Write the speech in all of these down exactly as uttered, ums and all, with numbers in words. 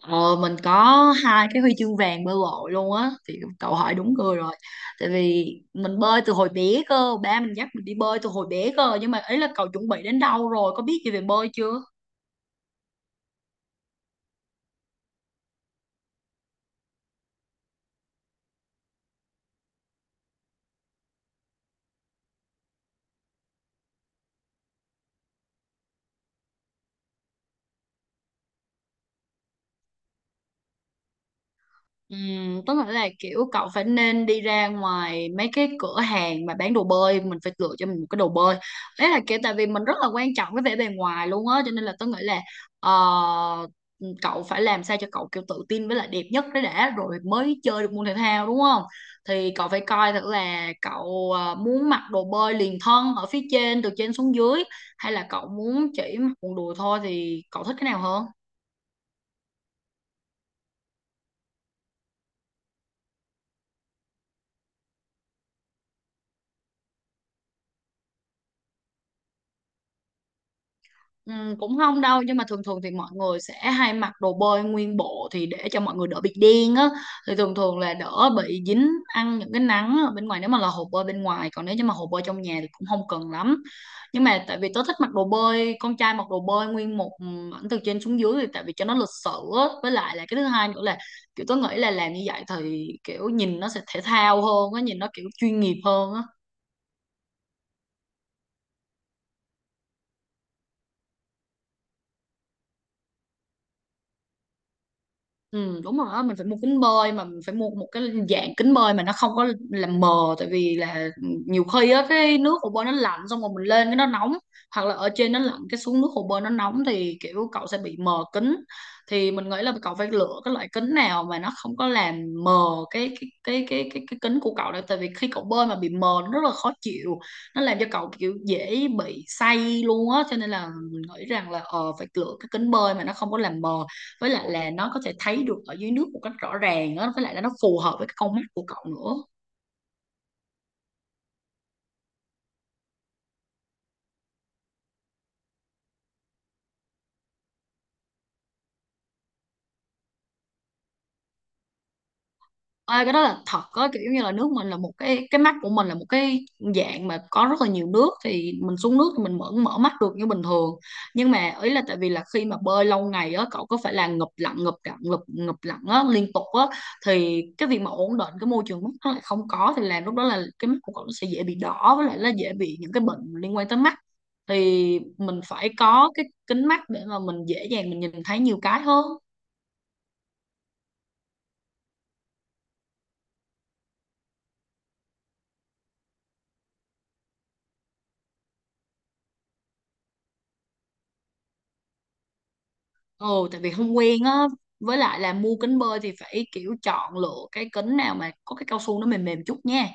Ờ, mình có hai cái huy chương vàng bơi lội luôn á, thì cậu hỏi đúng người rồi. Tại vì mình bơi từ hồi bé cơ, ba mình dắt mình đi bơi từ hồi bé cơ. Nhưng mà ấy là cậu chuẩn bị đến đâu rồi, có biết gì về bơi chưa? Ừm, tức là là kiểu cậu phải nên đi ra ngoài mấy cái cửa hàng mà bán đồ bơi, mình phải lựa cho mình một cái đồ bơi. Đấy là kiểu tại vì mình rất là quan trọng cái vẻ bề ngoài luôn á, cho nên là tôi nghĩ là ờ, cậu phải làm sao cho cậu kiểu tự tin với lại đẹp nhất đấy đã, rồi mới chơi được môn thể thao, đúng không? Thì cậu phải coi thử là cậu ờ, muốn mặc đồ bơi liền thân ở phía trên từ trên xuống dưới, hay là cậu muốn chỉ mặc quần đùi thôi, thì cậu thích cái nào hơn? Ừ, cũng không đâu, nhưng mà thường thường thì mọi người sẽ hay mặc đồ bơi nguyên bộ thì để cho mọi người đỡ bị đen á, thì thường thường là đỡ bị dính ăn những cái nắng ở bên ngoài nếu mà là hồ bơi bên ngoài, còn nếu như mà hồ bơi trong nhà thì cũng không cần lắm. Nhưng mà tại vì tớ thích mặc đồ bơi, con trai mặc đồ bơi nguyên một ừ, ảnh từ trên xuống dưới thì tại vì cho nó lịch sự á, với lại là cái thứ hai nữa là kiểu tớ nghĩ là làm như vậy thì kiểu nhìn nó sẽ thể thao hơn á, nhìn nó kiểu chuyên nghiệp hơn á. Ừ, đúng rồi đó, mình phải mua kính bơi, mà mình phải mua một cái dạng kính bơi mà nó không có làm mờ. Tại vì là nhiều khi á, cái nước hồ bơi nó lạnh, xong rồi mình lên cái nó nóng, hoặc là ở trên nó lạnh cái xuống nước hồ bơi nó nóng, thì kiểu cậu sẽ bị mờ kính. Thì mình nghĩ là cậu phải lựa cái loại kính nào mà nó không có làm mờ cái cái cái cái cái, cái kính của cậu nữa, tại vì khi cậu bơi mà bị mờ nó rất là khó chịu, nó làm cho cậu kiểu dễ bị say luôn á. Cho nên là mình nghĩ rằng là ờ phải lựa cái kính bơi mà nó không có làm mờ, với lại là nó có thể thấy được ở dưới nước một cách rõ ràng á, với lại là nó phù hợp với cái con mắt của cậu nữa. Ê, cái đó là thật á, kiểu như là nước mình là một cái cái mắt của mình là một cái dạng mà có rất là nhiều nước, thì mình xuống nước thì mình mở mở mắt được như bình thường. Nhưng mà ý là tại vì là khi mà bơi lâu ngày á, cậu có phải là ngụp lặn ngụp lặn ngụp ngụp lặn á liên tục á, thì cái việc mà ổn định cái môi trường mắt nó lại không có thì làm lúc đó là cái mắt của cậu nó sẽ dễ bị đỏ, với lại là dễ bị những cái bệnh liên quan tới mắt. Thì mình phải có cái kính mắt để mà mình dễ dàng mình nhìn thấy nhiều cái hơn. Ừ, tại vì không quen á, với lại là mua kính bơi thì phải kiểu chọn lựa cái kính nào mà có cái cao su nó mềm mềm chút nha.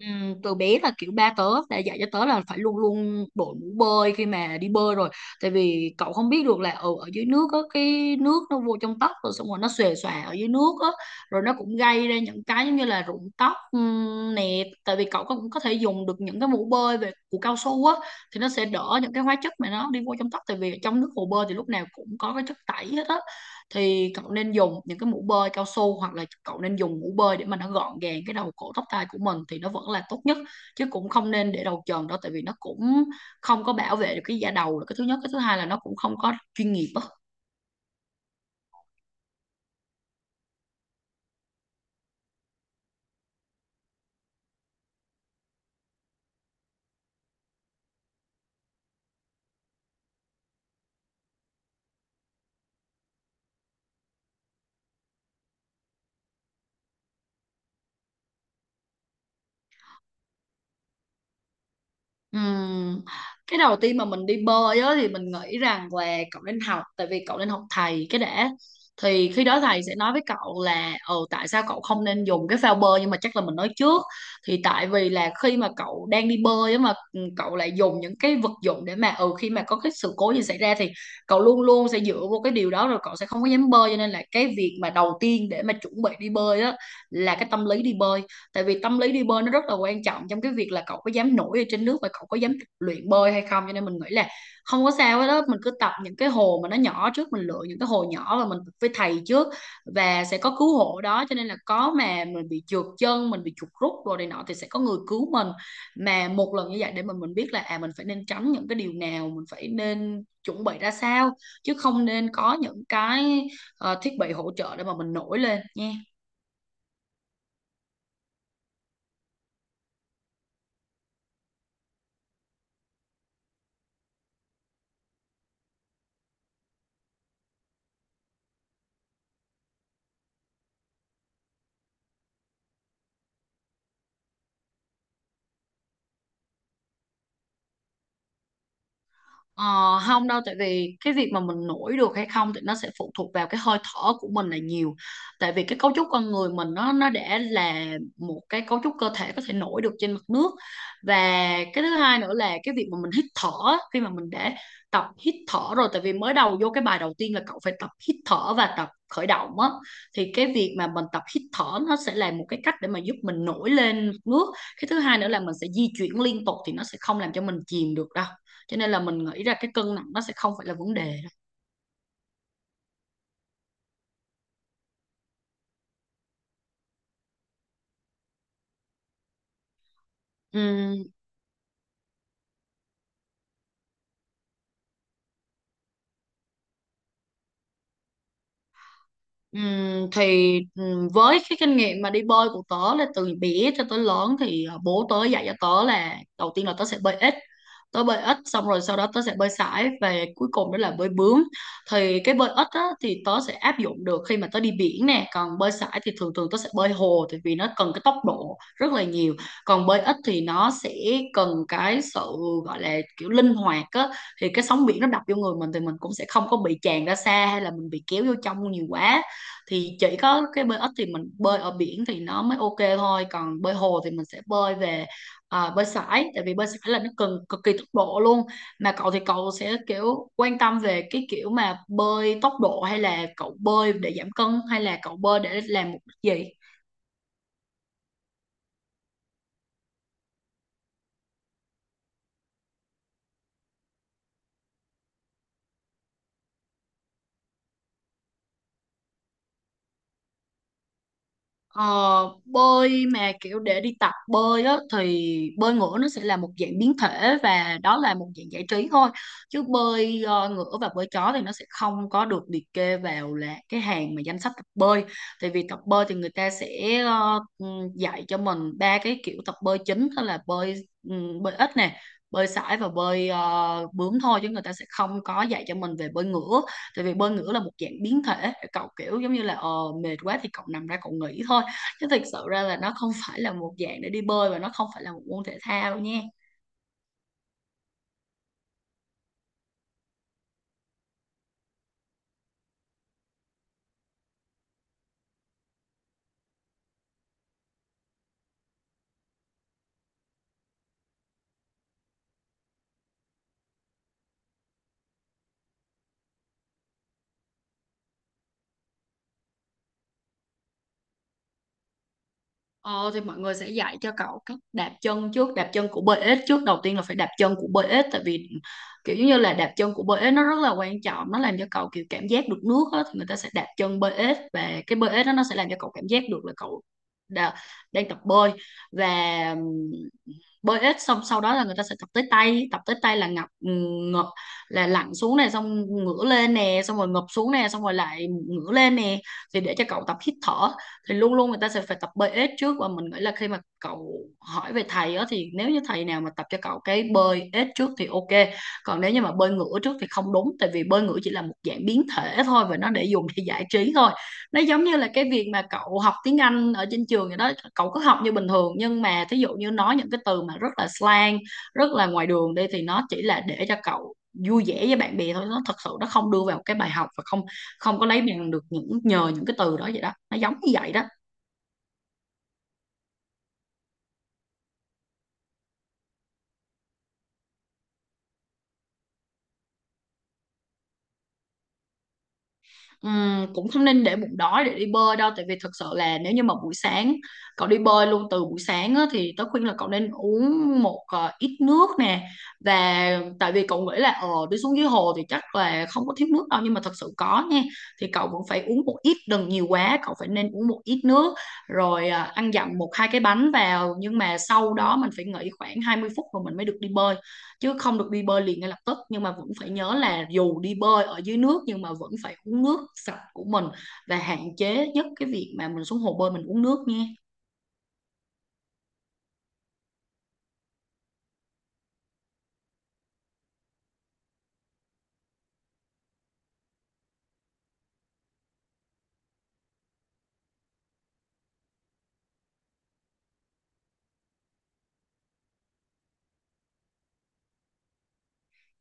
Ừm, từ bé là kiểu ba tớ đã dạy cho tớ là phải luôn luôn đội mũ bơi khi mà đi bơi rồi, tại vì cậu không biết được là ở ở dưới nước á, cái nước nó vô trong tóc rồi xong rồi nó xòe xòa ở dưới nước á, rồi nó cũng gây ra những cái giống như là rụng tóc. Ừm, nè, tại vì cậu cũng có thể dùng được những cái mũ bơi về của cao su á, thì nó sẽ đỡ những cái hóa chất mà nó đi vô trong tóc, tại vì trong nước hồ bơi thì lúc nào cũng có cái chất tẩy hết á. Thì cậu nên dùng những cái mũ bơi cao su, hoặc là cậu nên dùng mũ bơi để mà nó gọn gàng cái đầu cổ tóc tai của mình thì nó vẫn là tốt nhất. Chứ cũng không nên để đầu trần đó, tại vì nó cũng không có bảo vệ được cái da đầu là cái thứ nhất, cái thứ hai là nó cũng không có chuyên nghiệp á. Ừm, Cái đầu tiên mà mình đi bơi á, thì mình nghĩ rằng là cậu nên học, tại vì cậu nên học thầy cái đã. Thì khi đó thầy sẽ nói với cậu là ừ tại sao cậu không nên dùng cái phao bơi, nhưng mà chắc là mình nói trước. Thì tại vì là khi mà cậu đang đi bơi á mà ừ, cậu lại dùng những cái vật dụng để mà ừ khi mà có cái sự cố gì xảy ra thì cậu luôn luôn sẽ dựa vô cái điều đó, rồi cậu sẽ không có dám bơi. Cho nên là cái việc mà đầu tiên để mà chuẩn bị đi bơi á là cái tâm lý đi bơi, tại vì tâm lý đi bơi nó rất là quan trọng trong cái việc là cậu có dám nổi ở trên nước và cậu có dám tập luyện bơi hay không. Cho nên mình nghĩ là không có sao hết đó, mình cứ tập những cái hồ mà nó nhỏ trước, mình lựa những cái hồ nhỏ và mình tập với thầy trước, và sẽ có cứu hộ đó. Cho nên là có mà mình bị trượt chân, mình bị chuột rút rồi này nọ thì sẽ có người cứu mình, mà một lần như vậy để mình mình biết là à mình phải nên tránh những cái điều nào, mình phải nên chuẩn bị ra sao, chứ không nên có những cái ờ, thiết bị hỗ trợ để mà mình nổi lên nha. Ờ, không đâu, tại vì cái việc mà mình nổi được hay không thì nó sẽ phụ thuộc vào cái hơi thở của mình là nhiều, tại vì cái cấu trúc con người mình nó nó đã là một cái cấu trúc cơ thể có thể nổi được trên mặt nước. Và cái thứ hai nữa là cái việc mà mình hít thở á, khi mà mình đã tập hít thở rồi, tại vì mới đầu vô cái bài đầu tiên là cậu phải tập hít thở và tập khởi động á, thì cái việc mà mình tập hít thở nó sẽ là một cái cách để mà giúp mình nổi lên mặt nước. Cái thứ hai nữa là mình sẽ di chuyển liên tục thì nó sẽ không làm cho mình chìm được đâu. Cho nên là mình nghĩ ra cái cân nặng nó sẽ không phải là vấn đề. Ừm, ừm, thì ừm, Với cái kinh nghiệm mà đi bơi của tớ là từ bé cho tới lớn thì ờ, bố tớ dạy cho tớ là đầu tiên là tớ sẽ bơi ếch, tớ bơi ếch xong rồi sau đó tớ sẽ bơi sải, và cuối cùng đó là bơi bướm. Thì cái bơi ếch á, thì tớ sẽ áp dụng được khi mà tớ đi biển nè, còn bơi sải thì thường thường tớ sẽ bơi hồ, tại vì nó cần cái tốc độ rất là nhiều. Còn bơi ếch thì nó sẽ cần cái sự gọi là kiểu linh hoạt á, thì cái sóng biển nó đập vô người mình thì mình cũng sẽ không có bị tràn ra xa hay là mình bị kéo vô trong nhiều quá. Thì chỉ có cái bơi ếch thì mình bơi ở biển thì nó mới ok thôi, còn bơi hồ thì mình sẽ bơi về à, bơi sải, tại vì bơi sải là nó cần cực kỳ tốc độ luôn. Mà cậu thì cậu sẽ kiểu quan tâm về cái kiểu mà bơi tốc độ, hay là cậu bơi để giảm cân, hay là cậu bơi để làm mục đích gì? Ờ, bơi mà kiểu để đi tập bơi á thì bơi ngửa nó sẽ là một dạng biến thể, và đó là một dạng giải trí thôi. Chứ bơi ờ, ngửa và bơi chó thì nó sẽ không có được liệt kê vào là cái hàng mà danh sách tập bơi. Tại vì tập bơi thì người ta sẽ ờ, ừm, dạy cho mình ba cái kiểu tập bơi chính, đó là bơi ừm, bơi ếch nè, bơi sải và bơi ờ, bướm thôi, chứ người ta sẽ không có dạy cho mình về bơi ngửa. Tại vì bơi ngửa là một dạng biến thể, cậu kiểu giống như là ờ, mệt quá thì cậu nằm ra cậu nghỉ thôi, chứ thực sự ra là nó không phải là một dạng để đi bơi và nó không phải là một môn thể thao nha. Ờ, thì mọi người sẽ dạy cho cậu cách đạp chân trước, đạp chân của bơi ếch trước. Đầu tiên là phải đạp chân của bơi ếch, tại vì kiểu giống như là đạp chân của bơi ếch nó rất là quan trọng, nó làm cho cậu kiểu cảm giác được nước á, thì người ta sẽ đạp chân bơi ếch và cái bơi ếch đó nó sẽ làm cho cậu cảm giác được là cậu đã, đang tập bơi. Và ừm, bơi ếch xong sau đó là người ta sẽ tập tới tay, tập tới tay là ngập ngập, là lặn xuống này xong ngửa lên nè, xong rồi ngập xuống nè, xong rồi lại ngửa lên nè, thì để cho cậu tập hít thở. Thì luôn luôn người ta sẽ phải tập bơi ếch trước, và mình nghĩ là khi mà cậu hỏi về thầy đó thì nếu như thầy nào mà tập cho cậu cái bơi ếch trước thì ok, còn nếu như mà bơi ngửa trước thì không đúng, tại vì bơi ngửa chỉ là một dạng biến thể thôi và nó để dùng để giải trí thôi. Nó giống như là cái việc mà cậu học tiếng Anh ở trên trường vậy đó, cậu cứ học như bình thường nhưng mà thí dụ như nói những cái từ mà rất là slang, rất là ngoài đường đi thì nó chỉ là để cho cậu vui vẻ với bạn bè thôi, nó thật sự nó không đưa vào cái bài học và không không có lấy bằng được những nhờ những cái từ đó vậy đó, nó giống như vậy đó. Ừm, cũng không nên để bụng đói để đi bơi đâu, tại vì thật sự là nếu như mà buổi sáng cậu đi bơi luôn từ buổi sáng á, thì tớ khuyên là cậu nên uống một ờ, ít nước nè. Và tại vì cậu nghĩ là ờ đi xuống dưới hồ thì chắc là không có thiếu nước đâu, nhưng mà thật sự có nha, thì cậu vẫn phải uống một ít, đừng nhiều quá, cậu phải nên uống một ít nước rồi ờ, ăn dặm một hai cái bánh vào, nhưng mà sau đó mình phải nghỉ khoảng hai mươi phút rồi mình mới được đi bơi, chứ không được đi bơi liền ngay lập tức. Nhưng mà vẫn phải nhớ là dù đi bơi ở dưới nước nhưng mà vẫn phải uống nước sạch của mình, và hạn chế nhất cái việc mà mình xuống hồ bơi mình uống nước nha.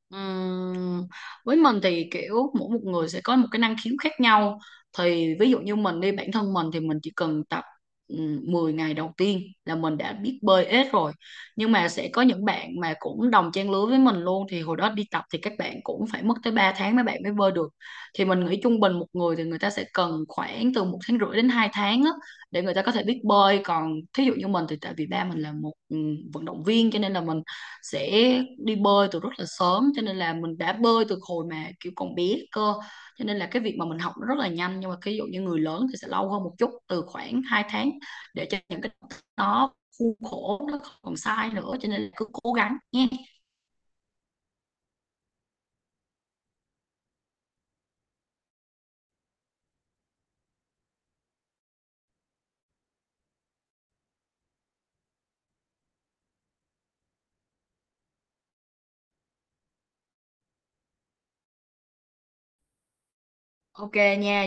Ừm, với mình thì kiểu mỗi một người sẽ có một cái năng khiếu khác nhau, thì ví dụ như mình đi bản thân mình thì mình chỉ cần tập ừm, mười ngày đầu tiên là mình đã biết bơi ếch rồi. Nhưng mà sẽ có những bạn mà cũng đồng trang lứa với mình luôn thì hồi đó đi tập thì các bạn cũng phải mất tới ba tháng mấy bạn mới bơi được. Thì mình nghĩ trung bình một người thì người ta sẽ cần khoảng từ một tháng rưỡi đến hai tháng á, để người ta có thể biết bơi. Còn thí dụ như mình thì tại vì ba mình là một ừm, vận động viên cho nên là mình sẽ đi bơi từ rất là sớm, cho nên là mình đã bơi từ hồi mà kiểu còn bé cơ, cho nên là cái việc mà mình học nó rất là nhanh. Nhưng mà cái ví dụ như người lớn thì sẽ lâu hơn một chút, từ khoảng hai tháng để cho những cái đó khuôn khổ nó không còn sai nữa, cho nên là cứ cố gắng nha. Ok nha.